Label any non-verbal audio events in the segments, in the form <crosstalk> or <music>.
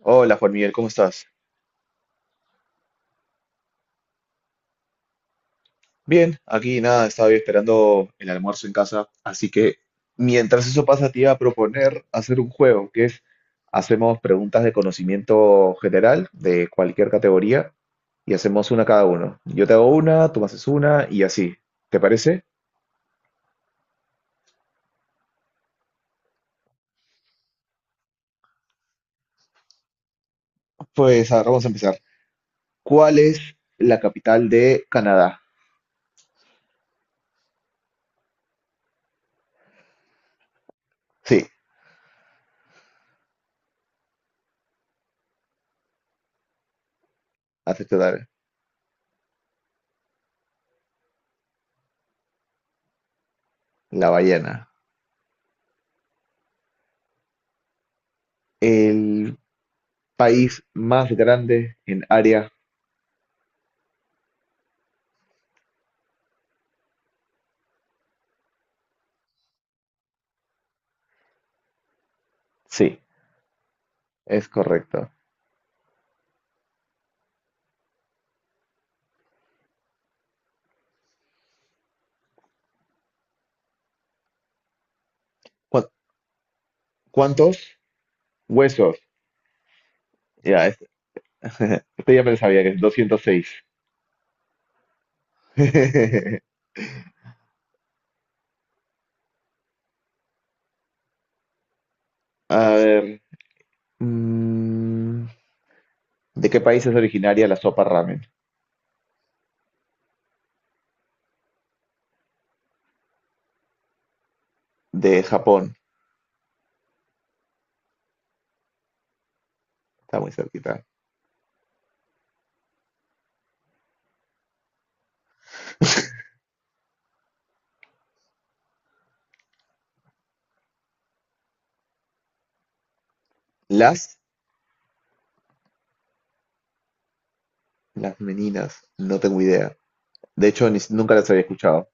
Hola Juan Miguel, ¿cómo estás? Bien, aquí nada, estaba esperando el almuerzo en casa, así que mientras eso pasa te iba a proponer hacer un juego, que es hacemos preguntas de conocimiento general de cualquier categoría y hacemos una cada uno. Yo te hago una, tú me haces una y así. ¿Te parece? Pues a vamos a empezar. ¿Cuál es la capital de Canadá? Sí, acepto dar la ballena. ¿El país más grande en área? Sí, es correcto. ¿Cuá- ¿Cuántos huesos? Ya, este ya me lo sabía que es 206. <laughs> A ver. mm, ¿De qué país es originaria la sopa ramen? De Japón. Está muy cerquita. Las, las meninas. No tengo idea. De hecho, nunca las había escuchado.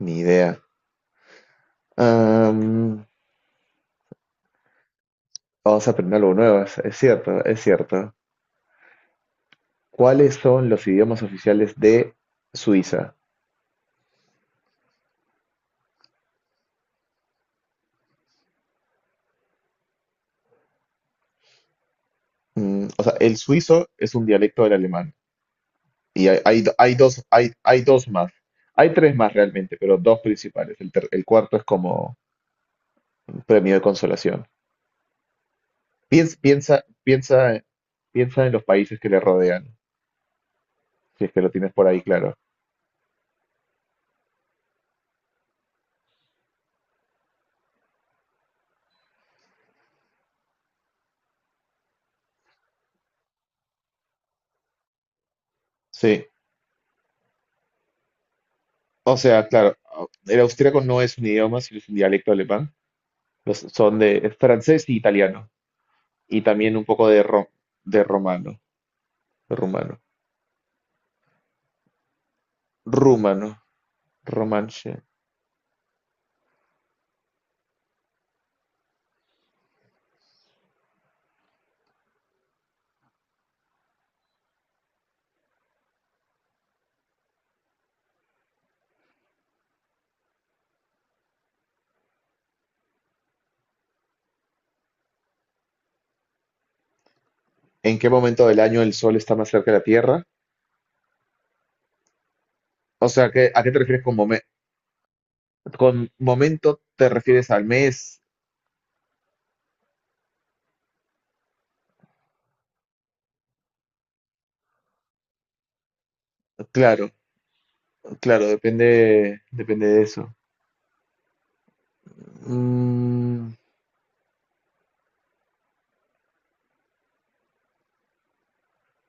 Ni idea. Am, vamos a aprender algo nuevo. Es cierto, es cierto. ¿Cuáles son los idiomas oficiales de Suiza? Mm, o sea, el suizo es un dialecto del alemán. Y hay dos, hay dos más. Hay tres más realmente, pero dos principales. El cuarto es como un premio de consolación. Piensa, piensa, piensa, Piensa en los países que le rodean, si es que lo tienes por ahí, claro. Sí. O sea, claro, el austríaco no es un idioma, sino es un dialecto alemán. Son de es francés y italiano. Y también un poco de romano. De rumano. Rumano. Romanche. ¿En qué momento del año el sol está más cerca de la Tierra? O sea, ¿a qué te refieres con momento te refieres al mes? Claro, claro, depende de eso. Mm,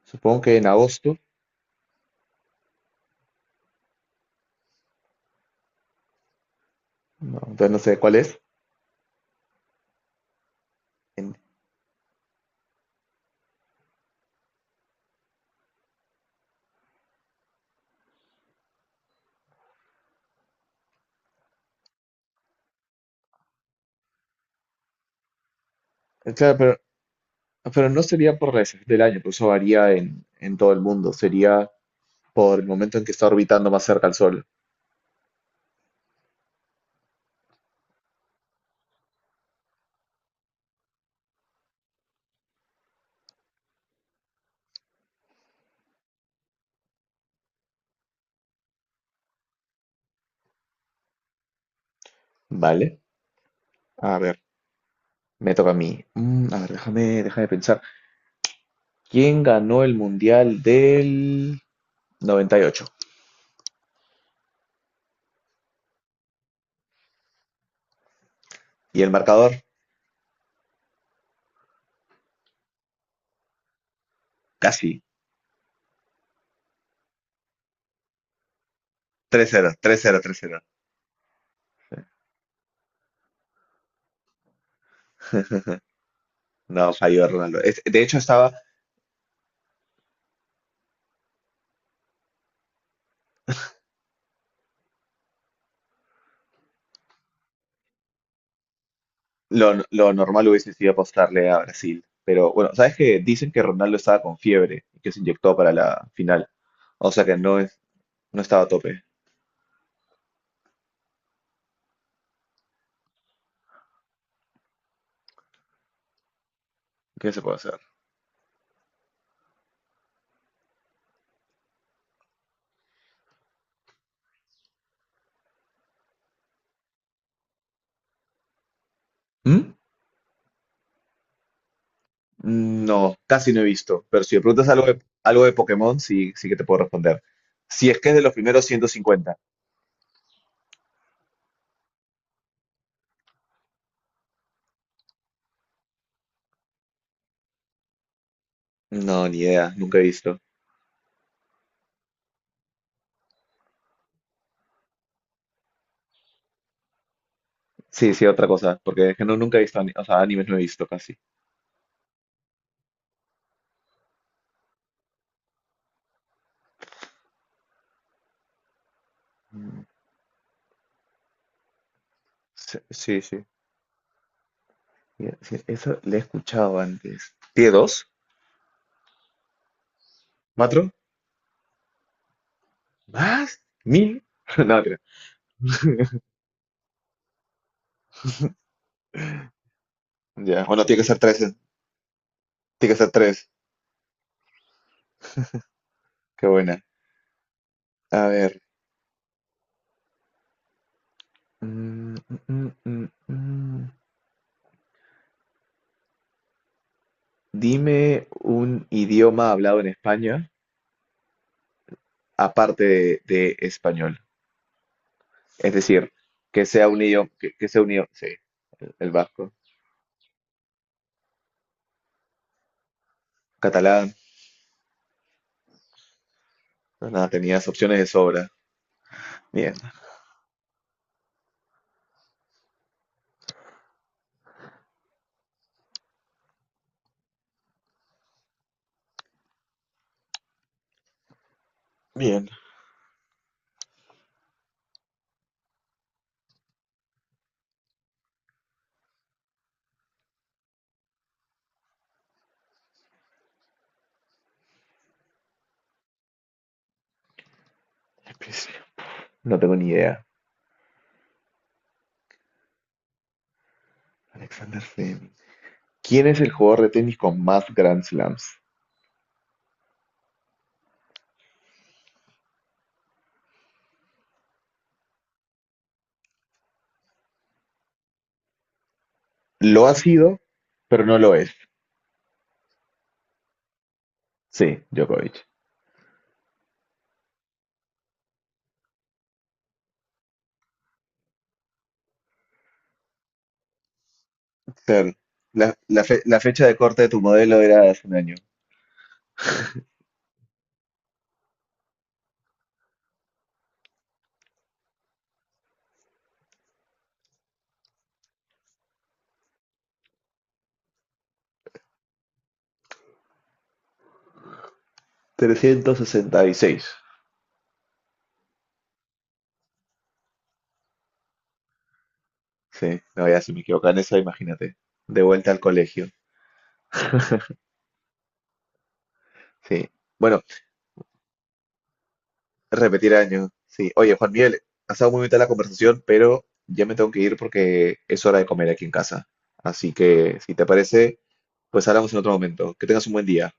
supongo que en agosto, no, entonces no sé cuál es. En- claro, pero no sería por la estación del año, por eso varía en todo el mundo. Sería por el momento en que está orbitando más cerca al Sol. Vale, a ver, me toca a mí. Mm, a ver, déjame pensar. ¿Quién ganó el Mundial del 98? ¿Y ocho? Y el marcador, casi. Tres cero, tres cero, tres cero. No, falló Ronaldo. Es- de hecho, estaba. Lo normal hubiese sido apostarle a Brasil. Pero bueno, ¿sabes que dicen que Ronaldo estaba con fiebre y que se inyectó para la final? O sea que no estaba a tope. ¿Qué se puede hacer? ¿Mm? No, casi no he visto. Pero si me preguntas algo algo de Pokémon, sí, sí que te puedo responder. Si es que es de los primeros 150. No, ni idea, nunca he visto. Sí, sí, otra cosa, porque es que no, nunca he visto, o sea, animes no he visto casi. Mm, sí, sí, sí. Sí, sí, eso le he escuchado antes. ¿Tiene dos? ¿Cuatro? ¿Más? ¿Mil? <laughs> No, mentira. Ya, bueno, tiene que ser tres. Eh. Tiene que ser tres. Qué buena. A ver. Mm, mm, mm, mm, mm. Dime un idioma hablado en España aparte de español. Es decir, que sea un idioma, sí, el vasco, catalán. No, nada, tenías opciones de sobra. Bien, bien. Empecé. No tengo ni idea. Alexander Fleming. ¿Quién es el jugador de tenis con más Grand Slams? Lo ha sido, pero no lo es. Sí, Djokovic. Claro. La fecha de corte de tu modelo era hace un año. 366. Sí, no, ya si me equivoco en eso, imagínate. De vuelta al colegio. Sí. Bueno, repetir año. Sí. Oye, Juan Miguel, ha estado muy bonita la conversación, pero ya me tengo que ir porque es hora de comer aquí en casa. Así que, si te parece, pues hablamos en otro momento. Que tengas un buen día.